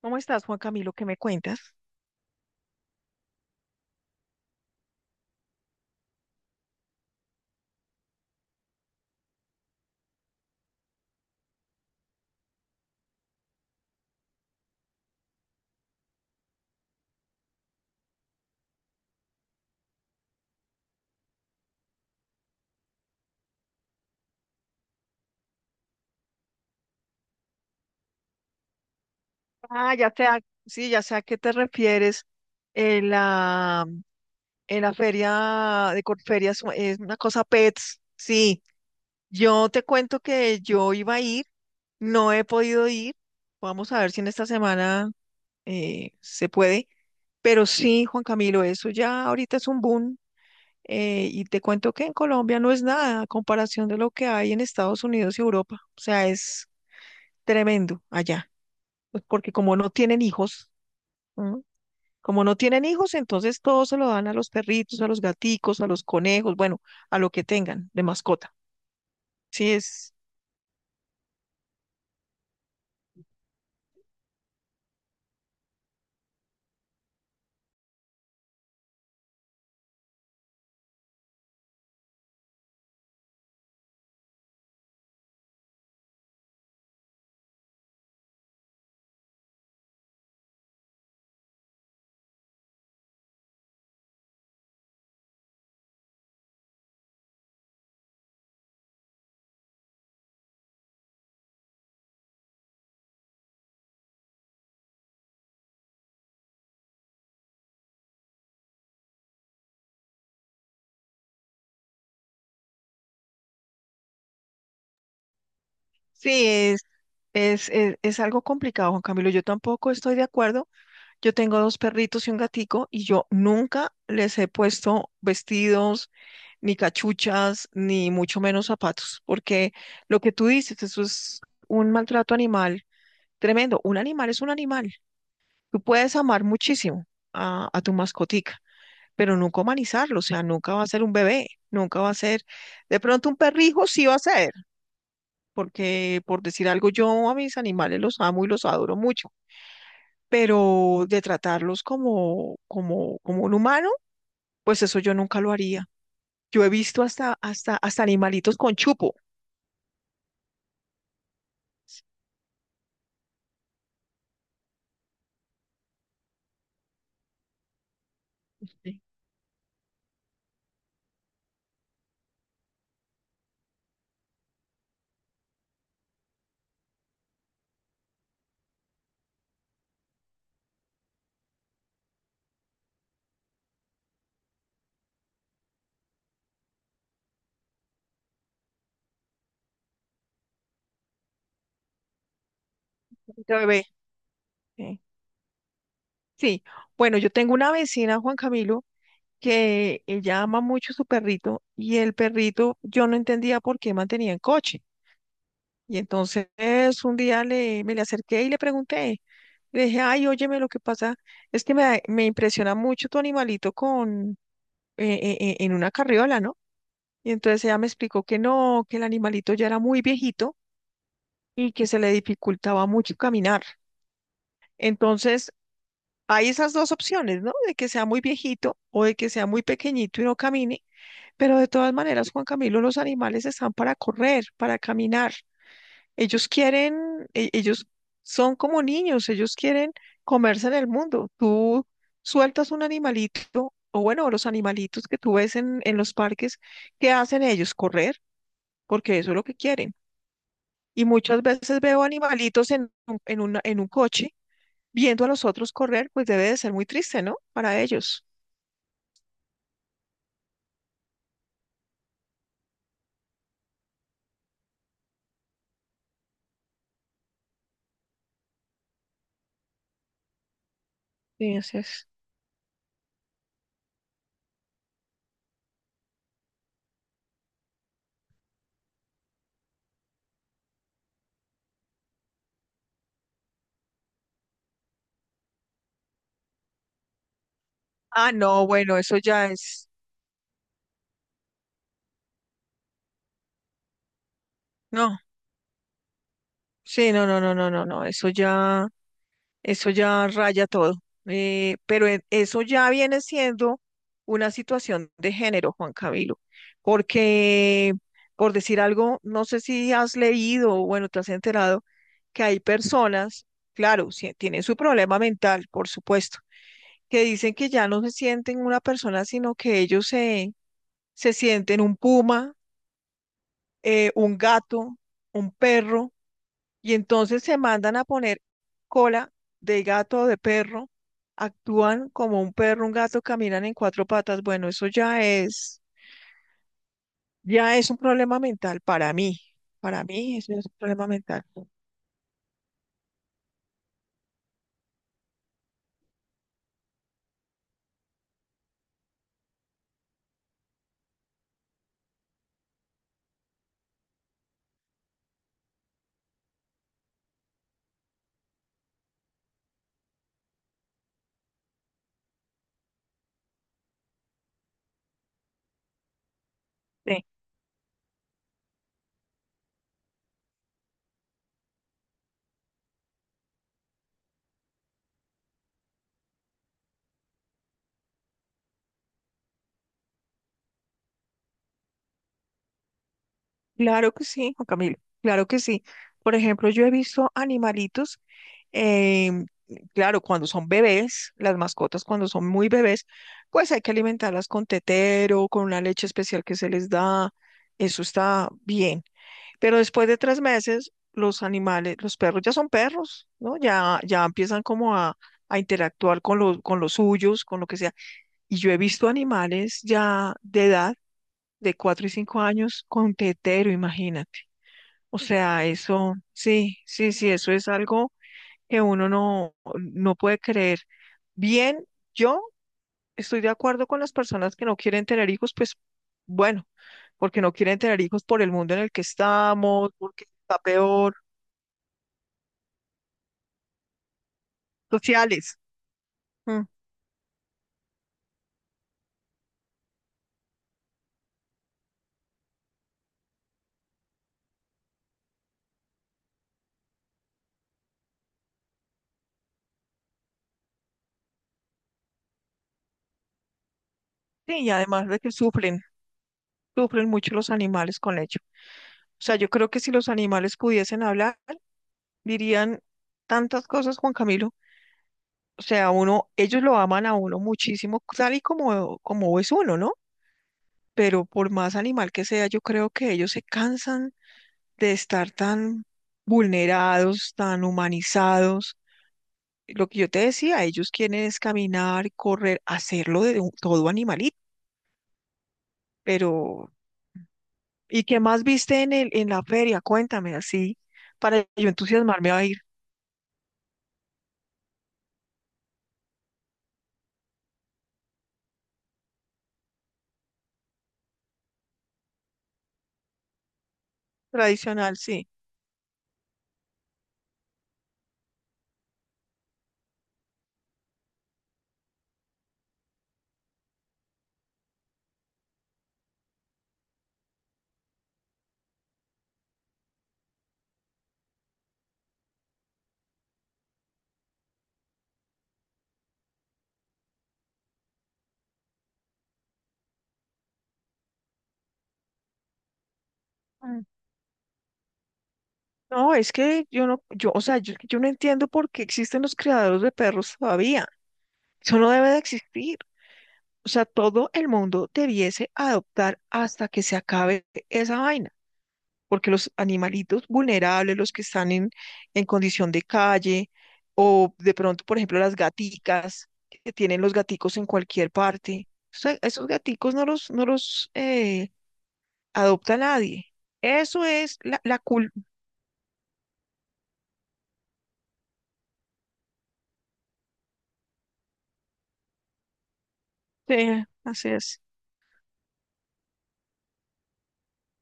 ¿Cómo estás, Juan Camilo? ¿Qué me cuentas? Ah, ya sé, sí, ya sé a qué te refieres. En la, en la feria de Corferias es una cosa pets. Sí, yo te cuento que yo iba a ir, no he podido ir. Vamos a ver si en esta semana se puede. Pero sí, Juan Camilo, eso ya ahorita es un boom. Y te cuento que en Colombia no es nada a comparación de lo que hay en Estados Unidos y Europa. O sea, es tremendo allá. Pues porque como no tienen hijos. ¿Mm? Como no tienen hijos, entonces todo se lo dan a los perritos, a los gaticos, a los conejos, bueno, a lo que tengan de mascota. Sí, sí, es, es algo complicado, Juan Camilo. Yo tampoco estoy de acuerdo. Yo tengo dos perritos y un gatico y yo nunca les he puesto vestidos, ni cachuchas, ni mucho menos zapatos, porque lo que tú dices, eso es un maltrato animal tremendo. Un animal es un animal. Tú puedes amar muchísimo a tu mascotica, pero nunca humanizarlo. O sea, nunca va a ser un bebé, nunca va a ser, de pronto un perrijo sí va a ser, porque por decir algo, yo a mis animales los amo y los adoro mucho, pero de tratarlos como un humano, pues eso yo nunca lo haría. Yo he visto hasta animalitos con chupo, sí, de bebé. ¿Sí? Sí, bueno, yo tengo una vecina, Juan Camilo, que ella ama mucho su perrito y el perrito, yo no entendía por qué mantenía en coche. Y entonces un día me le acerqué y le pregunté, le dije, ay, óyeme, lo que pasa es que me impresiona mucho tu animalito con, en una carriola, ¿no? Y entonces ella me explicó que no, que el animalito ya era muy viejito y que se le dificultaba mucho caminar. Entonces, hay esas dos opciones, ¿no? De que sea muy viejito o de que sea muy pequeñito y no camine. Pero de todas maneras, Juan Camilo, los animales están para correr, para caminar. Ellos quieren, ellos son como niños, ellos quieren comerse en el mundo. Tú sueltas un animalito, o bueno, los animalitos que tú ves en los parques, ¿qué hacen ellos? Correr, porque eso es lo que quieren. Y muchas veces veo animalitos en un coche viendo a los otros correr. Pues debe de ser muy triste, ¿no? Para ellos. Sí, así es. Ah, no, bueno, eso ya es, no, sí, no, no, no, no, no, no, eso ya raya todo. Pero eso ya viene siendo una situación de género, Juan Camilo, porque, por decir algo, no sé si has leído o bueno, te has enterado que hay personas, claro, sí, tienen su problema mental, por supuesto, que dicen que ya no se sienten una persona, sino que se sienten un puma, un gato, un perro. Y entonces se mandan a poner cola de gato o de perro, actúan como un perro, un gato, caminan en cuatro patas. Bueno, eso ya es un problema mental para mí. Para mí eso es un problema mental. Sí. Claro que sí, Juan Camilo, claro que sí. Por ejemplo, yo he visto animalitos, em, claro, cuando son bebés, las mascotas cuando son muy bebés, pues hay que alimentarlas con tetero, con una leche especial que se les da. Eso está bien. Pero después de tres meses, los animales, los perros ya son perros, ¿no? Ya empiezan como a interactuar con los suyos, con lo que sea. Y yo he visto animales ya de edad, de cuatro y cinco años, con tetero, imagínate. O sea, eso, sí, sí, sí, eso es algo que uno no, no puede creer. Bien, yo estoy de acuerdo con las personas que no quieren tener hijos, pues bueno, porque no quieren tener hijos por el mundo en el que estamos, porque está peor sociales. Mm. Sí, y además de que sufren, sufren mucho los animales con ello. O sea, yo creo que si los animales pudiesen hablar, dirían tantas cosas, Juan Camilo. O sea, uno, ellos lo aman a uno muchísimo, tal y como es uno, ¿no? Pero por más animal que sea, yo creo que ellos se cansan de estar tan vulnerados, tan humanizados. Lo que yo te decía, ellos quieren es caminar, correr, hacerlo todo animalito, pero ¿y qué más viste en la feria? Cuéntame así, para yo entusiasmarme a ir. Tradicional, sí. Mm. No, es que yo no, yo, o sea, yo no entiendo por qué existen los criadores de perros todavía. Eso no debe de existir. O sea, todo el mundo debiese adoptar hasta que se acabe esa vaina. Porque los animalitos vulnerables, los que están en condición de calle, o de pronto, por ejemplo, las gaticas, que tienen los gaticos en cualquier parte, o sea, esos gaticos no los adopta nadie. Eso es la así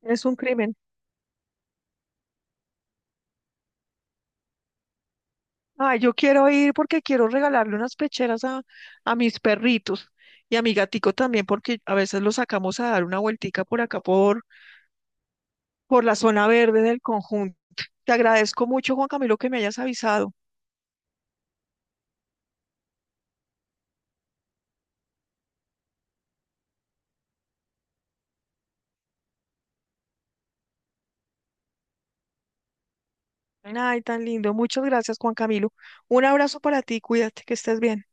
es un crimen. Ay, yo quiero ir porque quiero regalarle unas pecheras a mis perritos y a mi gatico también, porque a veces los sacamos a dar una vueltica por acá, por la zona verde del conjunto. Te agradezco mucho, Juan Camilo, que me hayas avisado. Ay, tan lindo. Muchas gracias, Juan Camilo. Un abrazo para ti, cuídate, que estés bien.